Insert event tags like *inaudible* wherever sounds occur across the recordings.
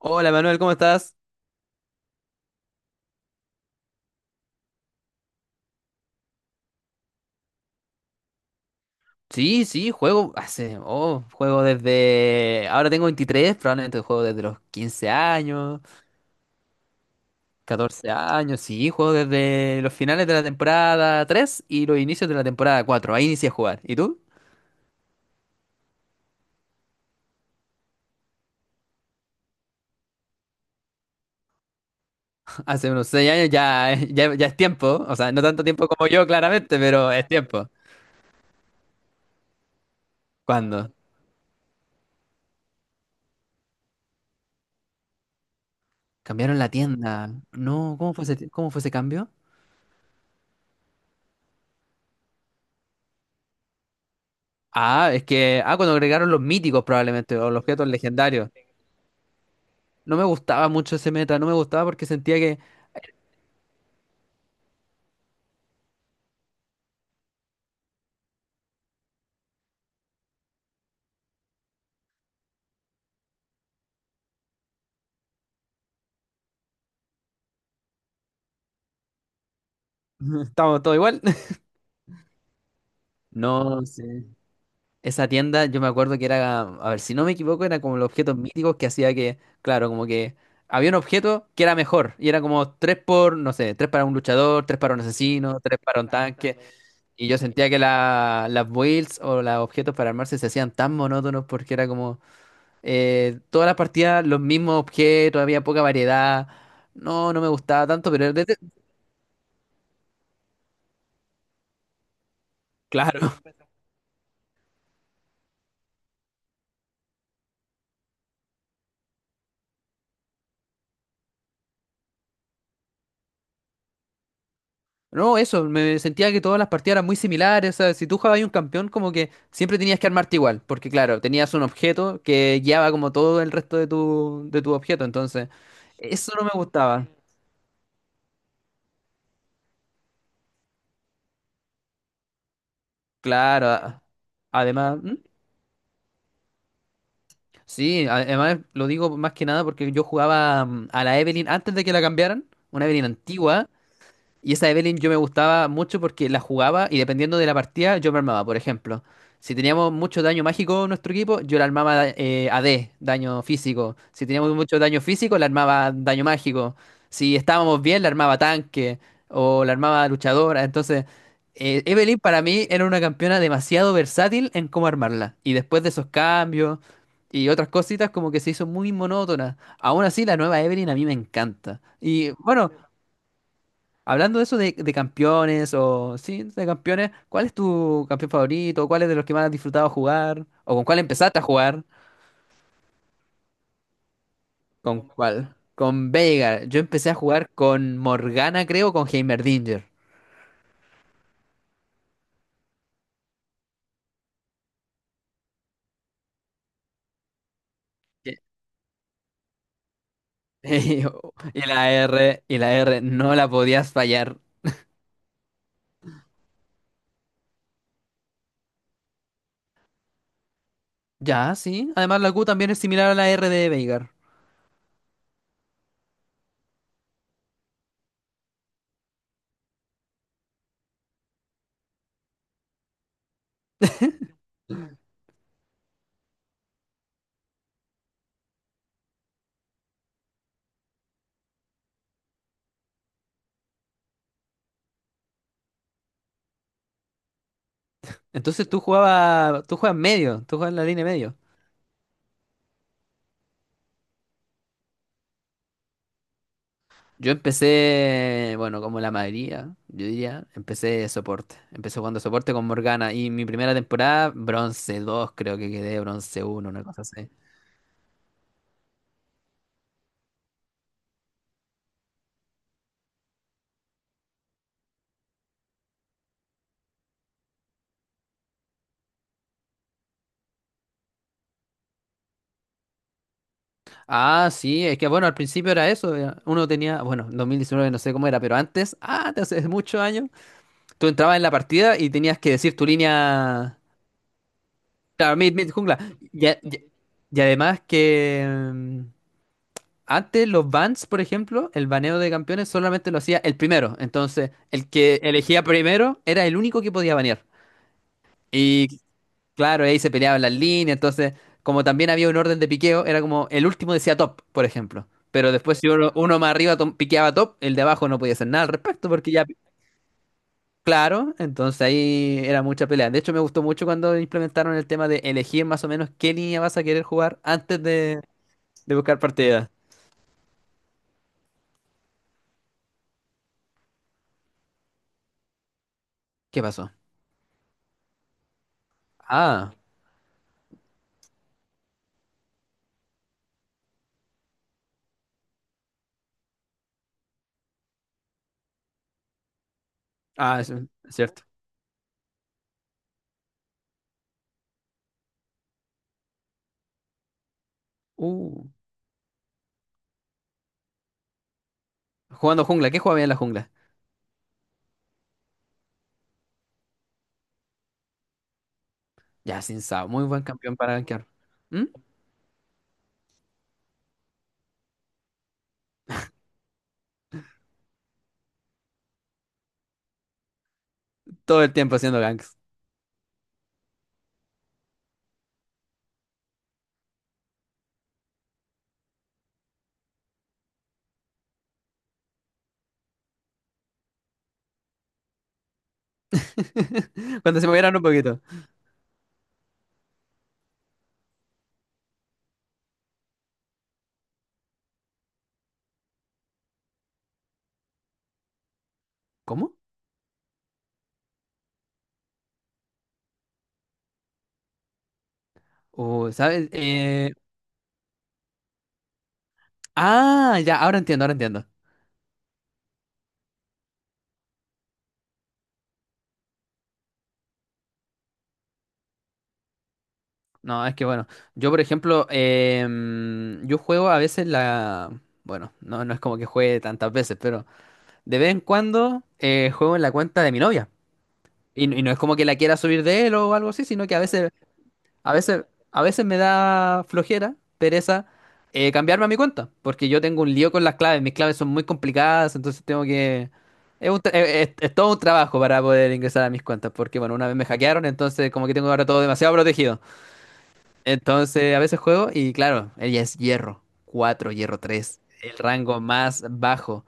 Hola Manuel, ¿cómo estás? Sí, sí, juego hace, oh, juego desde, ahora tengo 23, probablemente juego desde los 15 años, 14 años, sí, juego desde los finales de la temporada 3 y los inicios de la temporada 4. Ahí inicié a jugar. ¿Y tú? *laughs* Hace unos 6 años ya, ya, ya es tiempo, o sea, no tanto tiempo como yo claramente, pero es tiempo. ¿Cuándo? Cambiaron la tienda. No, ¿ cómo fue ese cambio? Cuando agregaron los míticos probablemente, o los objetos legendarios. No me gustaba mucho ese meta, no me gustaba porque sentía que *laughs* estábamos todo igual. *laughs* No sé. Esa tienda, yo me acuerdo que era, a ver, si no me equivoco, era como los objetos míticos que hacía que, claro, como que había un objeto que era mejor y era como tres por, no sé, tres para un luchador, tres para un asesino, tres para un tanque. Y yo sentía que las builds o los objetos para armarse se hacían tan monótonos porque era como todas las partidas los mismos objetos, había poca variedad. No, no me gustaba tanto, pero desde… Claro. No, eso, me sentía que todas las partidas eran muy similares, o sea, si tú jugabas un campeón como que siempre tenías que armarte igual, porque claro, tenías un objeto que guiaba como todo el resto de tu objeto, entonces eso no me gustaba. Claro, a- ¿Mm? Sí, además lo digo más que nada porque yo jugaba a la Evelynn antes de que la cambiaran, una Evelynn antigua. Y esa Evelynn yo me gustaba mucho porque la jugaba y dependiendo de la partida yo me armaba, por ejemplo. Si teníamos mucho daño mágico en nuestro equipo, yo la armaba AD, daño físico. Si teníamos mucho daño físico, la armaba daño mágico. Si estábamos bien, la armaba tanque o la armaba luchadora. Entonces, Evelynn para mí era una campeona demasiado versátil en cómo armarla. Y después de esos cambios y otras cositas, como que se hizo muy monótona. Aún así, la nueva Evelynn a mí me encanta. Y bueno. Hablando de eso de campeones o sí, de campeones, ¿cuál es tu campeón favorito? ¿Cuál es de los que más has disfrutado jugar? ¿O con cuál empezaste a jugar? ¿Con cuál? Con Veigar. Yo empecé a jugar con Morgana, creo, con Heimerdinger. Que- *laughs* y la R, no la podías fallar. Ya, sí. Además la Q también es similar a la R de Veigar. Entonces tú jugabas, tú juegas medio, tú juegas en la línea medio. Yo empecé, bueno, como la mayoría, yo diría, empecé de soporte. Empecé jugando soporte con Morgana y mi primera temporada, bronce 2, creo que quedé, bronce 1, una cosa así. Ah, sí, es que bueno, al principio era eso, uno tenía, bueno, 2019 no sé cómo era, pero antes, ah, te hace muchos años, tú entrabas en la partida y tenías que decir tu línea, claro, mid, mid, jungla. Y, a- y- y además que… mm, Antes los bans, por ejemplo, el baneo de campeones solamente lo hacía el primero. Entonces, el que elegía primero era el único que podía banear. Y claro, ahí se peleaban las líneas. Entonces, como también había un orden de piqueo, era como el último decía top, por ejemplo. Pero después, si uno, uno más arriba piqueaba top, el de abajo no podía hacer nada al respecto, porque ya, claro, entonces ahí era mucha pelea. De hecho, me gustó mucho cuando implementaron el tema de elegir más o menos qué línea vas a querer jugar antes de buscar partida. ¿Qué pasó? Ah, ah, es- Cierto. Uh, jugando jungla. ¿Qué juega bien en la jungla? Ya, sin Sao. Muy buen campeón para gankear. ¿Mm? Todo el tiempo haciendo ganks. *laughs* Cuando se movieran un poquito. ¿Cómo? ¿Sabes? Ah, ya, ahora entiendo, ahora entiendo. No, es que bueno, yo por ejemplo, yo juego a veces la… Bueno, no, no es como que juegue tantas veces, pero de vez en cuando juego en la cuenta de mi novia. Y no es como que la quiera subir de él o algo así, sino que a veces a veces, a veces me da flojera, pereza, cambiarme a mi cuenta, porque yo tengo un lío con las claves, mis claves son muy complicadas, entonces tengo que… Es, es todo un trabajo para poder ingresar a mis cuentas, porque bueno, una vez me hackearon, entonces como que tengo ahora todo demasiado protegido. Entonces a veces juego y claro, ella es hierro 4, hierro 3, el rango más bajo.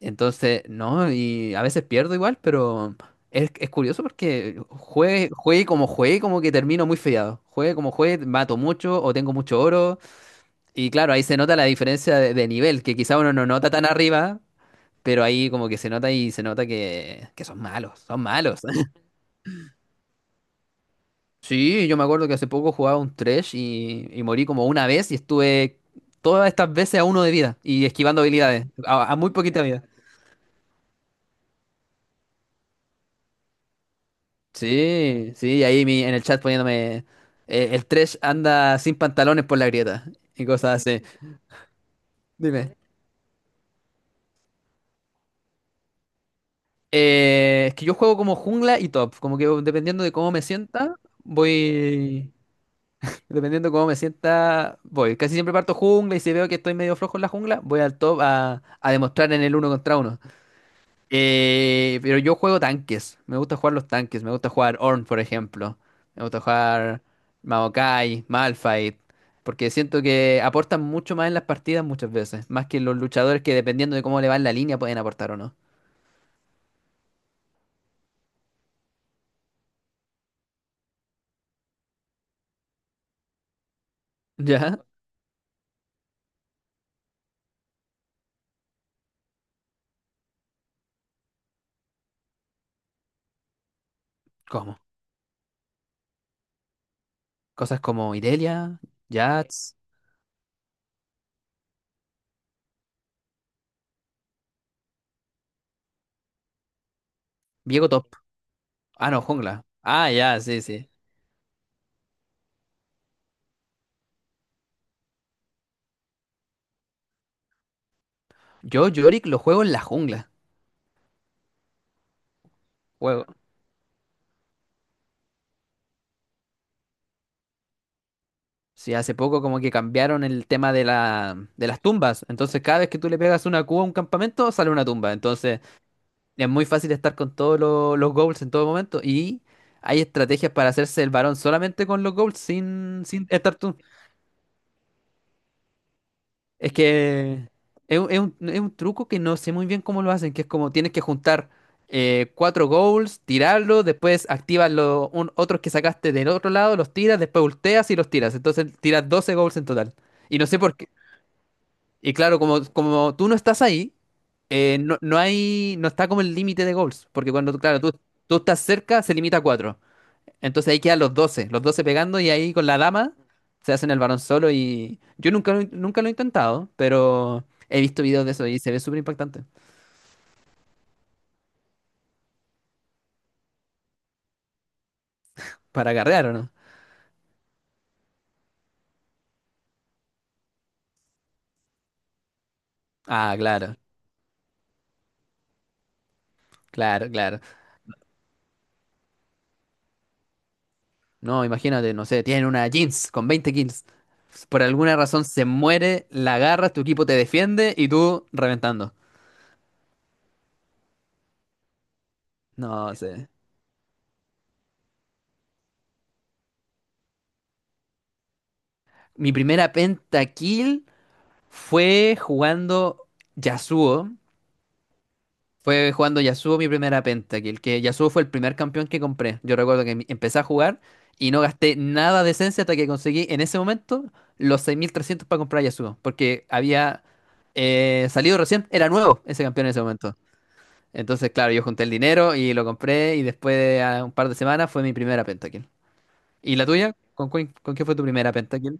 Entonces, no, y a veces pierdo igual, pero es curioso porque juegue, juegue, como que termino muy fiado. Juegue como juegue, mato mucho o tengo mucho oro. Y claro, ahí se nota la diferencia de nivel, que quizá uno no nota tan arriba, pero ahí como que se nota y se nota que son malos, son malos. *laughs* Sí, yo me acuerdo que hace poco jugaba un Thresh y morí como una vez y estuve todas estas veces a uno de vida y esquivando habilidades, a muy poquita vida. Sí, sí, en el chat poniéndome el trash anda sin pantalones por la grieta y cosas así. Dime. Es que yo juego como jungla y top, como que dependiendo de cómo me sienta, voy… Dependiendo de cómo me sienta, voy. Casi siempre parto jungla y si veo que estoy medio flojo en la jungla, voy al top a demostrar en el uno contra uno. Pero yo juego tanques. Me gusta jugar los tanques. Me gusta jugar Ornn, por ejemplo. Me gusta jugar Maokai, Malphite. Porque siento que aportan mucho más en las partidas muchas veces. Más que los luchadores que dependiendo de cómo le va en la línea pueden aportar o no. *laughs* ¿Ya? ¿Cómo? Cosas como Irelia, Jax, Viego top. Ah, no, jungla. Ah, ya, sí, sí. Yo Yorick lo juego en la jungla. Juego sí, hace poco como que cambiaron el tema de la, de las tumbas. Entonces, cada vez que tú le pegas una cuba a un campamento, sale una tumba. Entonces, es muy fácil estar con todos los goals en todo momento. Y hay estrategias para hacerse el varón solamente con los goals, sin, sin estar tú. Es que es, un, es un- Es un truco que no sé muy bien cómo lo hacen, que es como tienes que juntar 4 goals, tirarlos, después activas los otros que sacaste del otro lado, los tiras, después volteas y los tiras. Entonces, tiras 12 goals en total. Y no sé por qué. Y claro, como, como tú no estás ahí, no, no hay, no está como el límite de goals, porque cuando, claro, tú estás cerca, se limita a 4. Entonces ahí quedan los 12, los 12 pegando y ahí con la dama se hacen el varón solo y yo nunca, nunca lo he intentado, pero he visto videos de eso y se ve súper impactante. ¿Para agarrear o no? Ah, claro, claro, claro. No, imagínate, no sé, tienen una jeans con 20 kills. Por alguna razón se muere, la agarras, tu equipo te defiende y tú reventando. No sé. Mi primera pentakill fue jugando Yasuo. Fue jugando Yasuo mi primera pentakill. Que Yasuo fue el primer campeón que compré. Yo recuerdo que empecé a jugar y no gasté nada de esencia hasta que conseguí en ese momento los 6300 para comprar Yasuo. Porque había salido recién, era nuevo ese campeón en ese momento. Entonces, claro, yo junté el dinero y lo compré y después de ah, un par de semanas fue mi primera pentakill. ¿Y la tuya? ¿Con, con qué fue tu primera pentakill?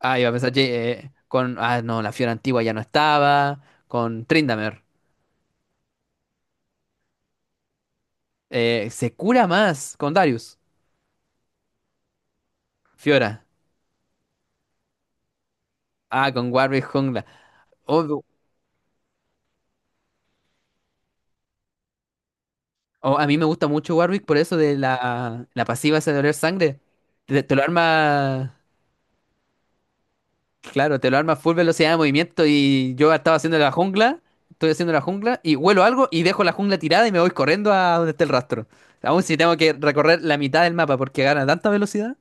Ah, iba a pensar, Jay, con. Ah, no, la Fiora antigua ya no estaba. Con Tryndamere. Se cura más con Darius. Fiora. Ah, con Warwick jungla. Oh, oh, a mí me gusta mucho Warwick por eso de la, la pasiva esa de oler sangre. Te lo arma. Claro, te lo arma full velocidad de movimiento. Y yo estaba haciendo la jungla. Estoy haciendo la jungla. Y huelo algo y dejo la jungla tirada y me voy corriendo a donde está el rastro. Aún si tengo que recorrer la mitad del mapa porque gana tanta velocidad.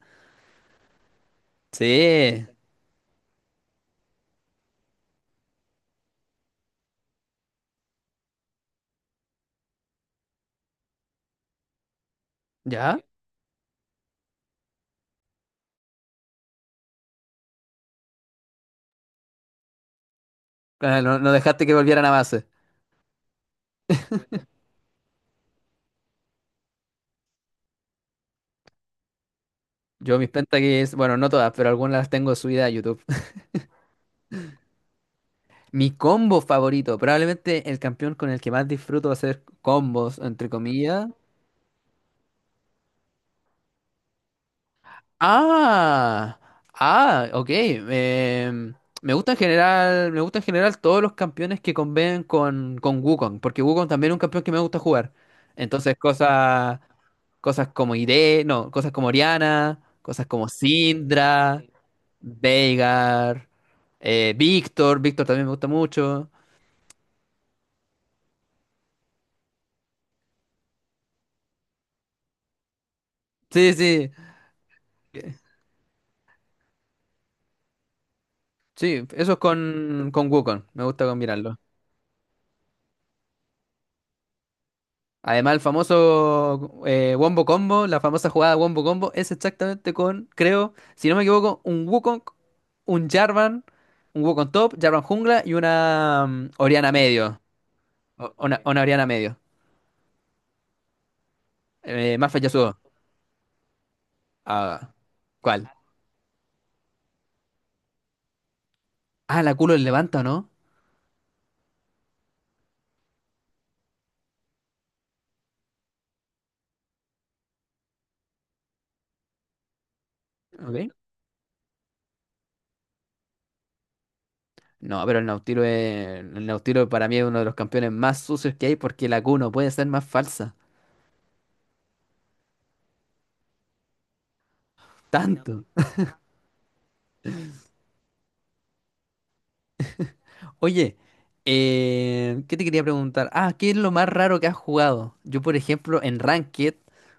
Sí. ¿Ya? Ah, no, no dejaste que volvieran a base. Yo mis pentakills, bueno, no todas, pero algunas las tengo subidas a YouTube. *laughs* Mi combo favorito, probablemente el campeón con el que más disfruto hacer combos, entre comillas, Ah, ok. Me gusta en general, me gusta en general todos los campeones que conviven con Wukong, porque Wukong también es un campeón que me gusta jugar. Entonces, cosas, cosas como Ire, no, cosas como Orianna, cosas como Syndra, Veigar, Víctor, Víctor también me gusta mucho. Sí, sí, sí, eso es con Wukong, me gusta combinarlo. Además, el famoso Wombo Combo, la famosa jugada Wombo Combo, es exactamente con, creo, si no me equivoco, un Wukong, un Jarvan, un Wukong top, Jarvan jungla y una Oriana medio. Una Oriana medio. Más Yasuo. Ah, ¿cuál? Ah, la culo el levanta, ¿o ¿no? Ok. No, pero el Nautilo es, el Nautilo para mí es uno de los campeones más sucios que hay porque la Q no puede ser más falsa. Tanto. Oye, ¿qué te quería preguntar? Ah, ¿qué es lo más raro que has jugado? Yo, por ejemplo, en Ranked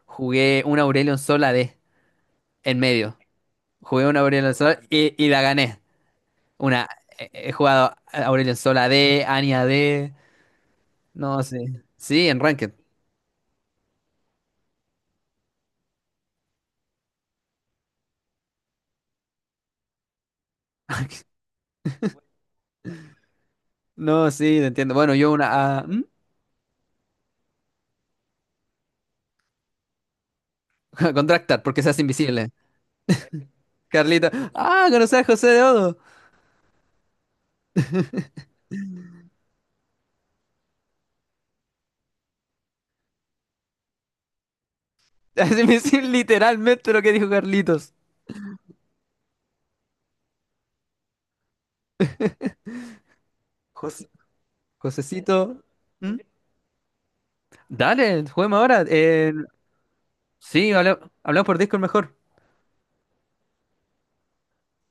jugué una Aurelion Sol a D en medio. Jugué una Aurelion Sol y la gané. Una, he jugado Aurelion Sol a AD, Annie A D, no sé. Sí, en Ranked. *laughs* No, sí, te entiendo. Bueno, yo una… ah, ¿hmm? *laughs* Contractar, porque se hace invisible. Carlitos. Ah, conocer a José de Odo. *laughs* Se hace invisible literalmente lo que dijo Carlitos. José, Josecito. ¿Hmm? Dale, juguemos ahora. Sí, hablamos por Discord mejor.